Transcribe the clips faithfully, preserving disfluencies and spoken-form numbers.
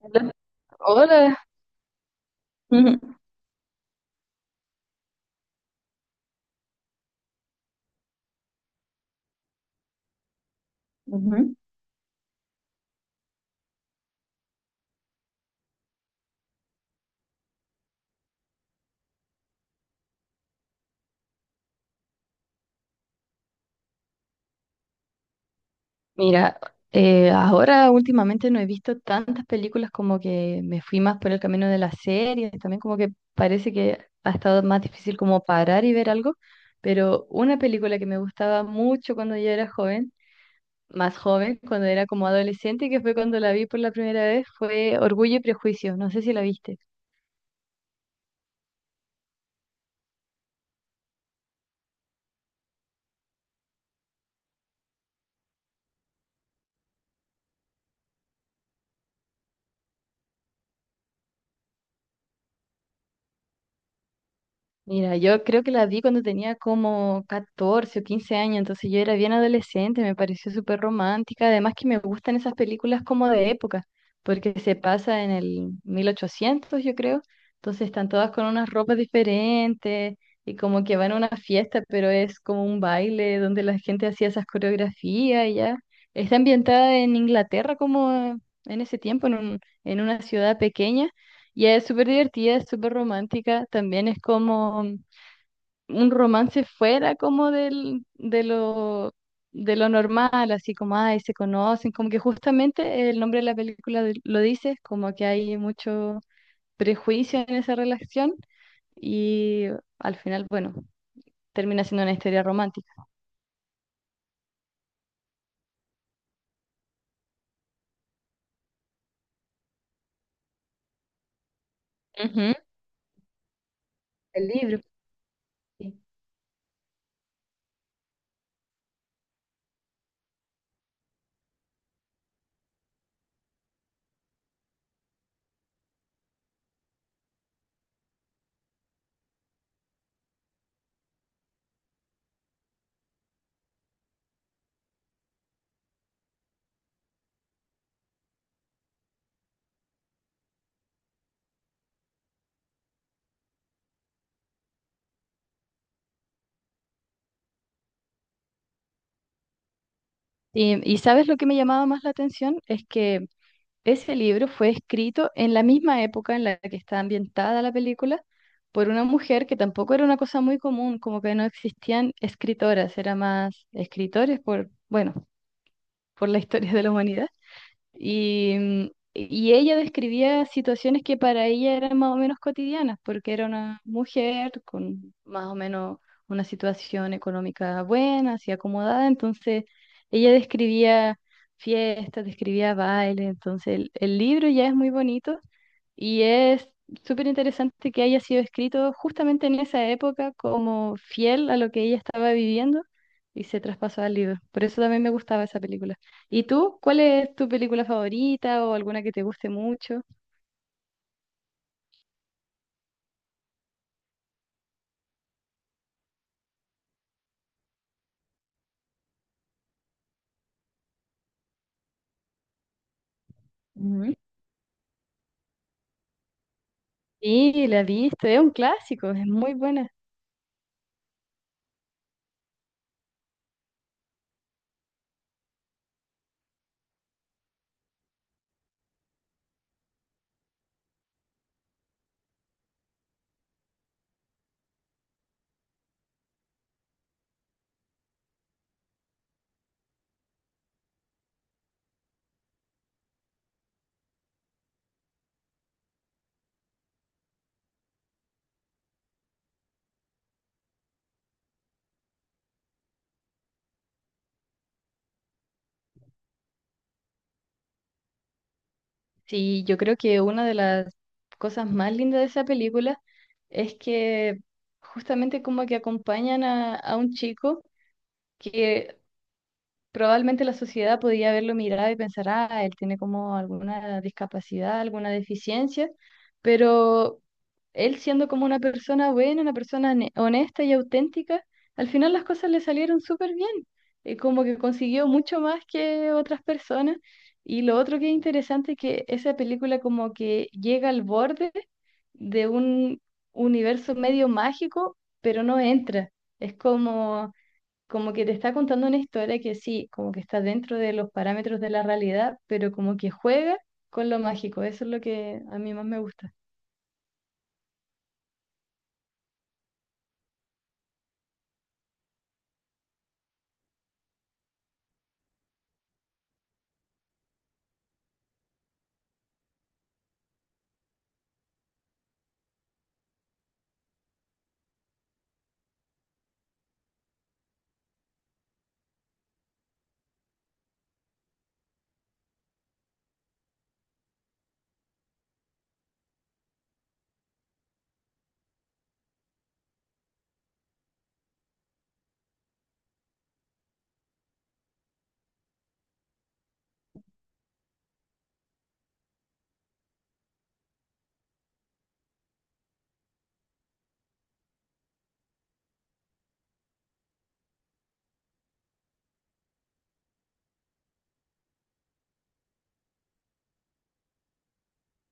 Hola. Hola. Ujú. Ujú. Mira, eh, ahora últimamente no he visto tantas películas, como que me fui más por el camino de las series, también como que parece que ha estado más difícil como parar y ver algo, pero una película que me gustaba mucho cuando yo era joven, más joven, cuando era como adolescente, que fue cuando la vi por la primera vez, fue Orgullo y Prejuicio, no sé si la viste. Mira, yo creo que la vi cuando tenía como catorce o quince años, entonces yo era bien adolescente, me pareció súper romántica, además que me gustan esas películas como de época, porque se pasa en el mil ochocientos, yo creo, entonces están todas con unas ropas diferentes y como que van a una fiesta, pero es como un baile donde la gente hacía esas coreografías y ya. Está ambientada en Inglaterra como en ese tiempo, en un- en una ciudad pequeña y es súper divertida, es súper romántica, también es como un romance fuera como del, de lo, de lo normal, así como, ay, se conocen, como que justamente el nombre de la película de- lo dice, como que hay mucho prejuicio en esa relación y al final, bueno, termina siendo una historia romántica. Ujú. El libro. Sí. Y, y ¿sabes lo que me llamaba más la atención? Es que ese libro fue escrito en la misma época en la que está ambientada la película, por una mujer, que tampoco era una cosa muy común, como que no existían escritoras, era más escritores por, bueno, por la historia de la humanidad. Y, mm, y ella describía situaciones que para ella eran más o menos cotidianas, porque era una mujer con más o menos una situación económica buena, así acomodada, entonces ella describía fiestas, describía bailes, entonces el, el libro ya es muy bonito y es súper interesante que haya sido escrito justamente en esa época como fiel a lo que ella estaba viviendo y se traspasó al libro. Por eso también me gustaba esa película. ¿Y tú? ¿Cuál es tu película favorita o alguna que te guste mucho? Ujú. Sí, la he visto, es un clásico, es muy buena. Sí, yo creo que una de las cosas más lindas de esa película es que justamente como que acompañan a, a un chico que probablemente la sociedad podía haberlo mirado y pensar, ah, él tiene como alguna discapacidad, alguna deficiencia, pero él, siendo como una persona buena, una persona ne- honesta y auténtica, al final las cosas le salieron súper bien, eh, como que consiguió mucho más que otras personas. Y lo otro que es interesante es que esa película como que llega al borde de un universo medio mágico, pero no entra. Es como como que te está contando una historia que sí, como que está dentro de los parámetros de la realidad, pero como que juega con lo mágico. Eso es lo que a mí más me gusta.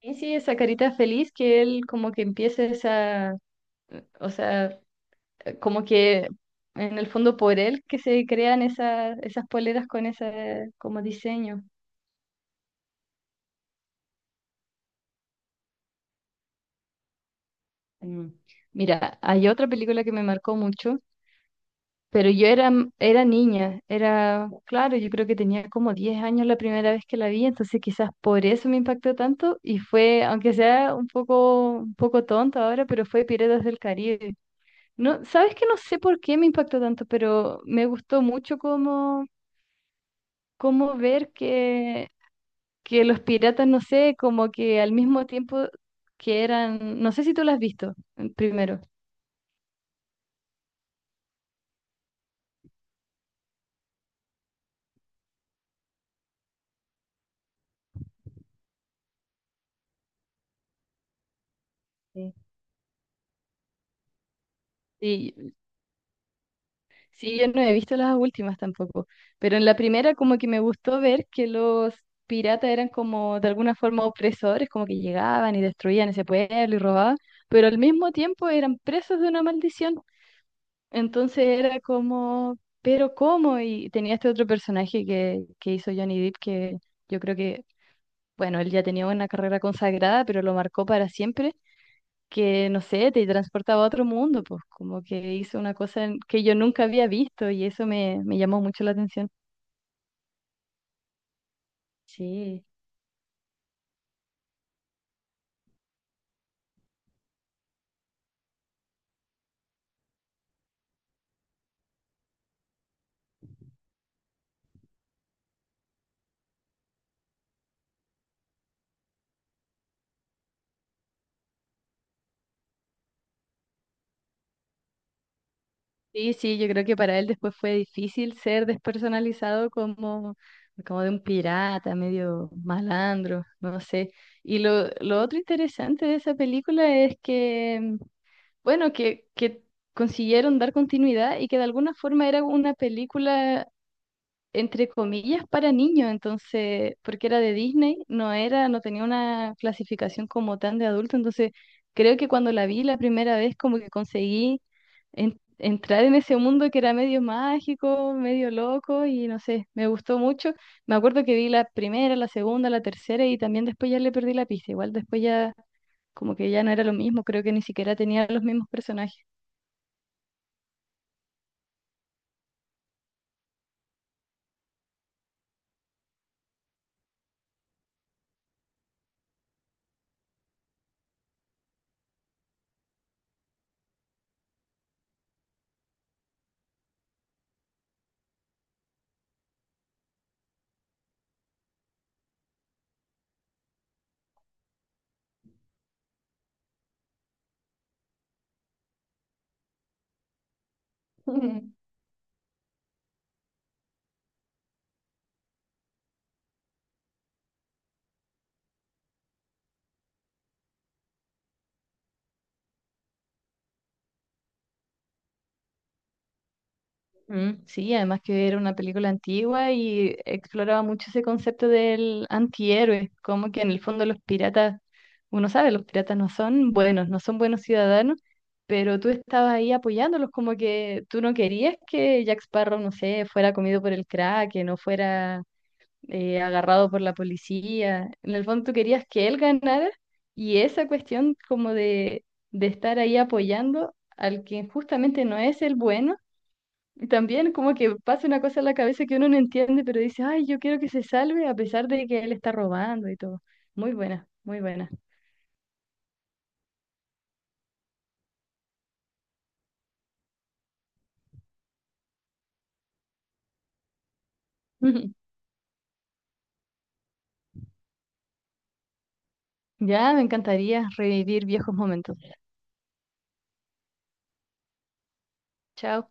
Y sí, esa carita feliz que él como que empieza esa, o sea, como que en el fondo por él que se crean esas, esas poleras con ese como diseño. Mm. Mira, hay otra película que me marcó mucho. Pero yo era, era niña, era, claro, yo creo que tenía como diez años la primera vez que la vi, entonces quizás por eso me impactó tanto y fue, aunque sea un poco, un poco tonto ahora, pero fue Piratas del Caribe. No, sabes que no sé por qué me impactó tanto, pero me gustó mucho como, como ver que, que los piratas, no sé, como que al mismo tiempo que eran, no sé si tú lo has visto eh, primero. Sí. Sí, sí, yo no he visto las últimas tampoco, pero en la primera como que me gustó ver que los piratas eran como de alguna forma opresores, como que llegaban y destruían ese pueblo y robaban, pero al mismo tiempo eran presos de una maldición. Entonces era como, pero ¿cómo? Y tenía este otro personaje que, que hizo Johnny Depp, que yo creo que, bueno, él ya tenía una carrera consagrada, pero lo marcó para siempre, que, no sé, te transportaba a otro mundo, pues como que hizo una cosa en- que yo nunca había visto y eso me, me llamó mucho la atención. Sí, sí, sí, yo creo que para él después fue difícil ser despersonalizado como, como de un pirata, medio malandro, no sé. Y lo, lo otro interesante de esa película es que, mm, bueno, que, que consiguieron dar continuidad y que de alguna forma era una película, entre comillas, para niños, entonces, porque era de Disney, no era, no tenía una clasificación como tan de adulto, entonces creo que cuando la vi la primera vez como que conseguí en- entrar en ese mundo que era medio mágico, medio loco y no sé, me gustó mucho. Me acuerdo que vi la primera, la segunda, la tercera y también después ya le perdí la pista, igual después ya como que ya no era lo mismo, creo que ni siquiera tenía los mismos personajes. Mm, sí, además que era una película antigua y exploraba mucho ese concepto del antihéroe, como que en el fondo los piratas, uno sabe, los piratas no son buenos, no son buenos ciudadanos, pero tú estabas ahí apoyándolos, como que tú no querías que Jack Sparrow, no sé, fuera comido por el Kraken o fuera eh, agarrado por la policía. En el fondo tú querías que él ganara, y esa cuestión como de, de estar ahí apoyando al que justamente no es el bueno, y también como que pasa una cosa en la cabeza que uno no entiende, pero dice, ay, yo quiero que se salve a pesar de que él está robando y todo. Muy buena, muy buena. Ya, me encantaría revivir viejos momentos. Chao.